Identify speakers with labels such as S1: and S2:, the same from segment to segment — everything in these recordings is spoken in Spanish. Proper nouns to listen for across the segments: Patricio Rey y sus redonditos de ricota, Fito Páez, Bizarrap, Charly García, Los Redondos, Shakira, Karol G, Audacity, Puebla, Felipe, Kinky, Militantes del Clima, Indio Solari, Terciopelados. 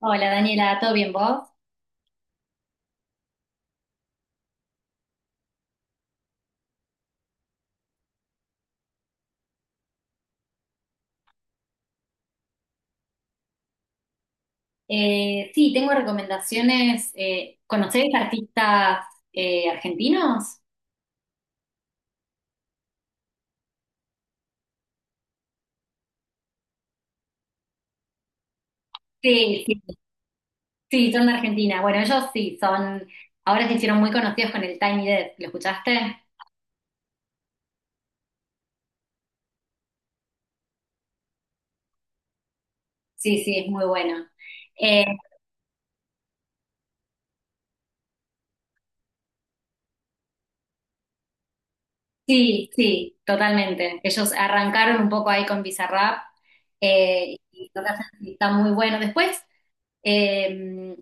S1: Hola Daniela, ¿todo bien vos? Sí, tengo recomendaciones. ¿Conocés artistas argentinos? Sí, sí, sí, son de Argentina. Bueno, ellos sí, son, ahora se hicieron muy conocidos con el Tiny Desk, ¿lo escuchaste? Sí, sí, es muy bueno. Eh, sí, sí, totalmente. Ellos arrancaron un poco ahí con Bizarrap y lo que hacen está muy bueno. Eh,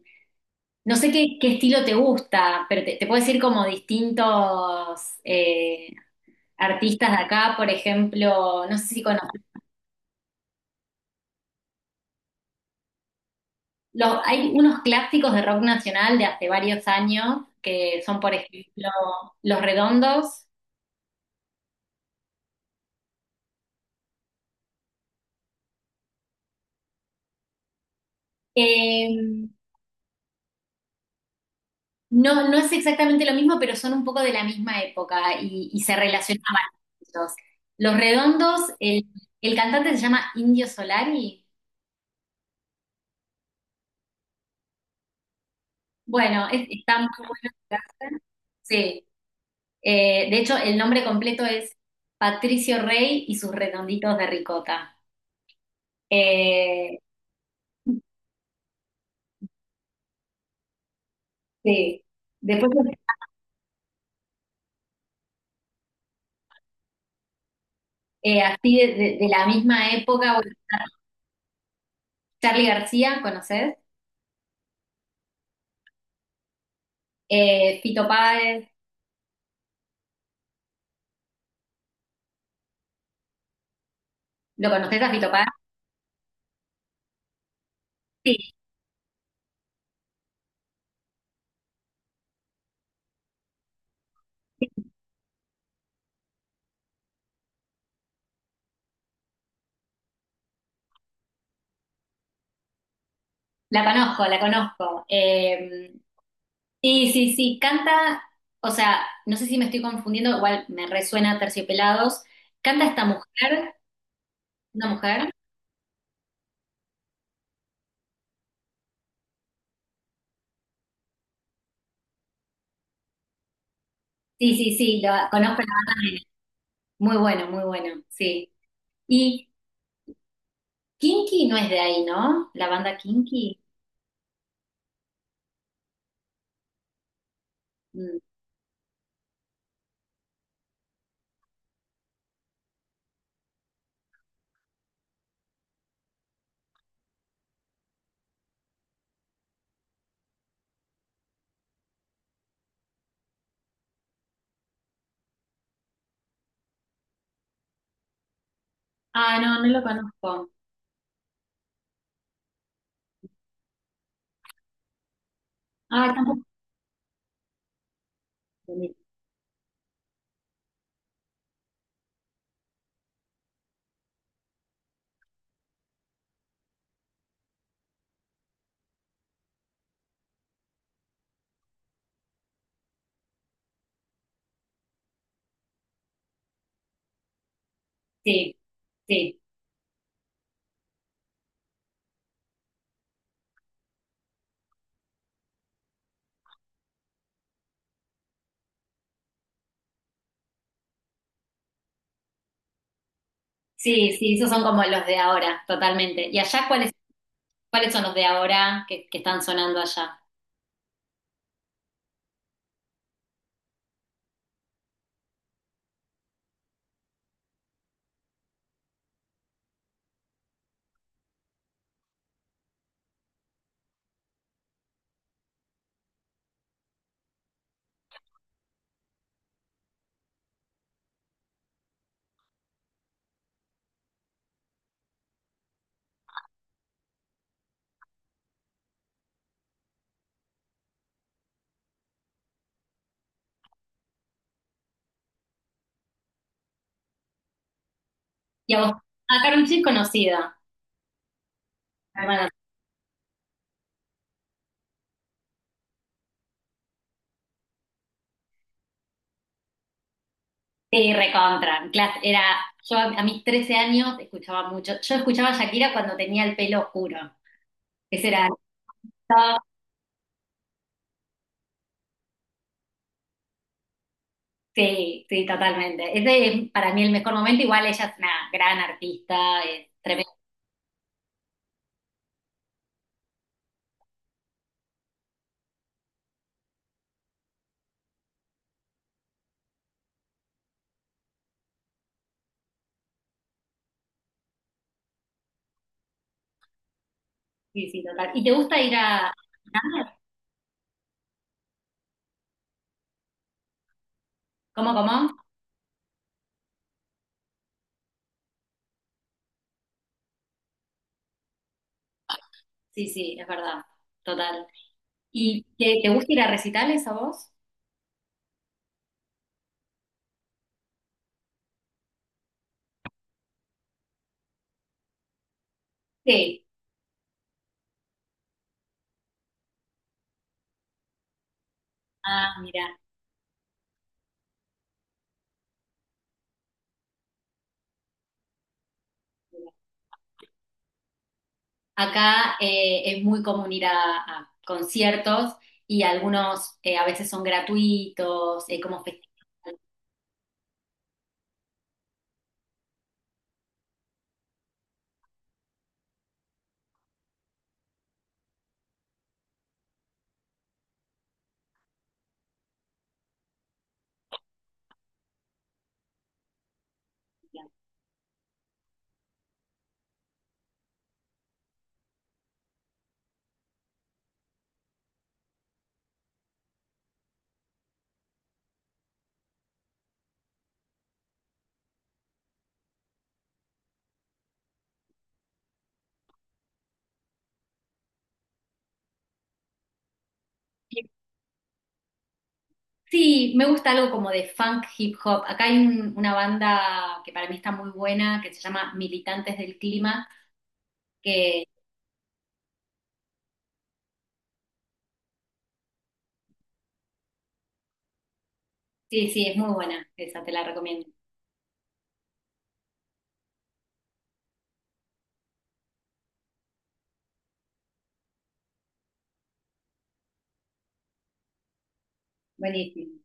S1: No sé qué estilo te gusta, pero te puedo decir como distintos eh, artistas de acá, por ejemplo, no sé si conoces, hay unos clásicos de rock nacional de hace varios años, que son, por ejemplo, Los Redondos. Eh, no, no es exactamente lo mismo, pero son un poco de la misma época y se relacionaban ellos. Los Redondos, el cantante se llama Indio Solari. Bueno, está muy bueno. Sí. De hecho, el nombre completo es Patricio Rey y sus redonditos de ricota. Eh, sí. Después, así de la misma época, bueno, Charly García, ¿conoces? Fito Páez, ¿lo conoces a Fito Páez? Sí, la conozco, la conozco. Sí, sí, sí, canta, o sea, no sé si me estoy confundiendo, igual me resuena Terciopelados. Canta esta mujer, una mujer. Sí, sí, sí, lo conozco, muy bueno, muy bueno, sí. Y Kinky no es de ahí, ¿no? La banda Kinky. Mm. Ah, no, no lo conozco. Ah, tampoco. Sí, sí, sí, sí, esos son como los de ahora, totalmente. ¿Y allá cuáles, cuáles son los de ahora que están sonando allá? Y a vos, ah, Karol G es conocida, hermana. Sí, recontra. Clas- Era, yo a mis 13 años escuchaba mucho. Yo escuchaba a Shakira cuando tenía el pelo oscuro. Ese era. Sí, sí, totalmente. Ese es para mí el mejor momento. Igual ella es una gran artista, es tremenda. Sí, sí, total. ¿Y te gusta ir a... ¿Cómo, cómo? Sí, sí, es verdad. Total. ¿Y te gusta ir a recitales a vos? Sí. Ah, mira. Acá es muy común ir a conciertos y algunos a veces son gratuitos, como festivales. Sí, me gusta algo como de funk hip hop. Acá hay una banda que para mí está muy buena, que se llama Militantes del Clima, que sí, sí, es muy buena, esa te la recomiendo. Buenísimo.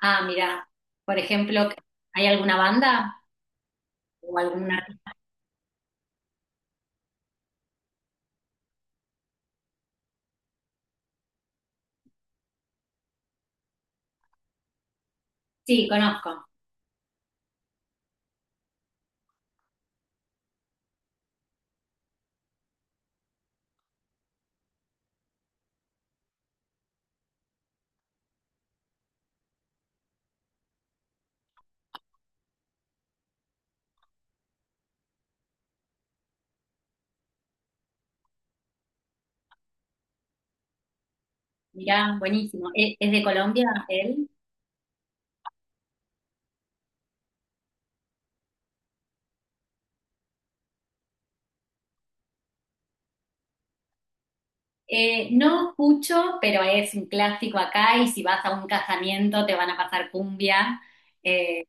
S1: Ah, mirá, por ejemplo, ¿hay alguna banda o alguna? Sí, conozco. Mirá, buenísimo. ¿E- ¿Es, de Colombia él? No escucho, pero es un clásico acá y si vas a un casamiento te van a pasar cumbia. Eh,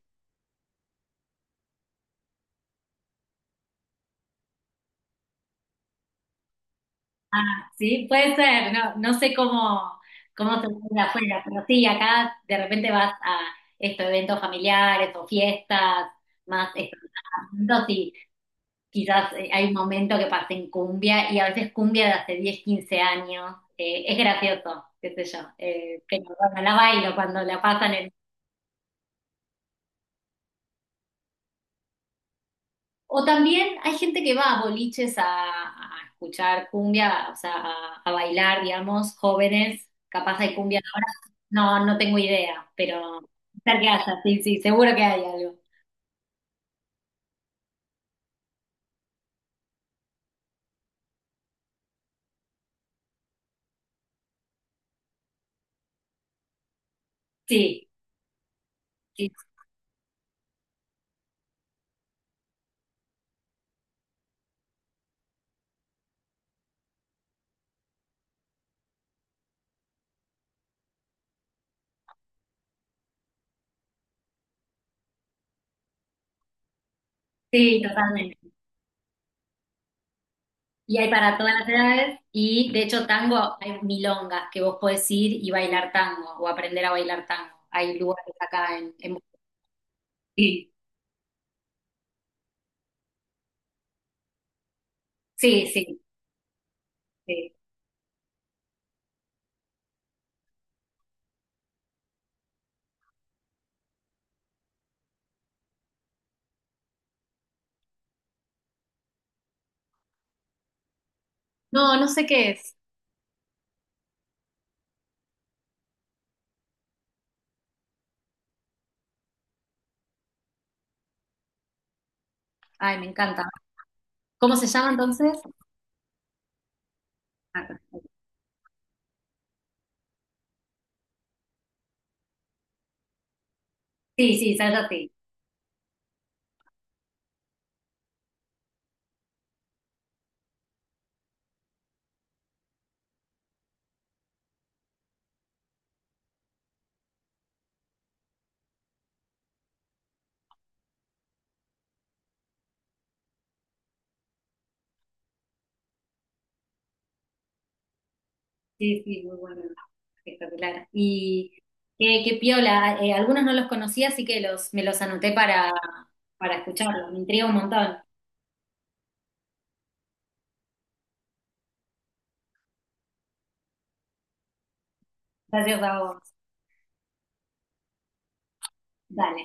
S1: Sí, puede ser, no, no sé cómo, cómo se de afuera, pero sí, acá de repente vas a estos eventos familiares o fiestas, más estos y quizás hay un momento que pasa en cumbia y a veces cumbia de hace 10 15 años, es gracioso, qué sé yo, pero bueno, la bailo cuando la pasan. O también hay gente que va a boliches a escuchar cumbia, o sea, a bailar, digamos, jóvenes, capaz hay cumbia ahora. No, no tengo idea, pero tal que haya, sí, sí, seguro que hay algo. Sí, sí, sí, totalmente. Y hay para todas las edades, y de hecho tango, hay milongas que vos podés ir y bailar tango, o aprender a bailar tango. Hay lugares acá en... Sí, sí, sí, sí. No, no sé qué es. Ay, me encanta. ¿Cómo se llama entonces? Sí, sí, Sálvate. Sí, sí, muy bueno. Espectacular. Y qué, qué piola. Algunos no los conocía, así que me los anoté para escucharlos. Me intriga un montón. Gracias a vos. Dale.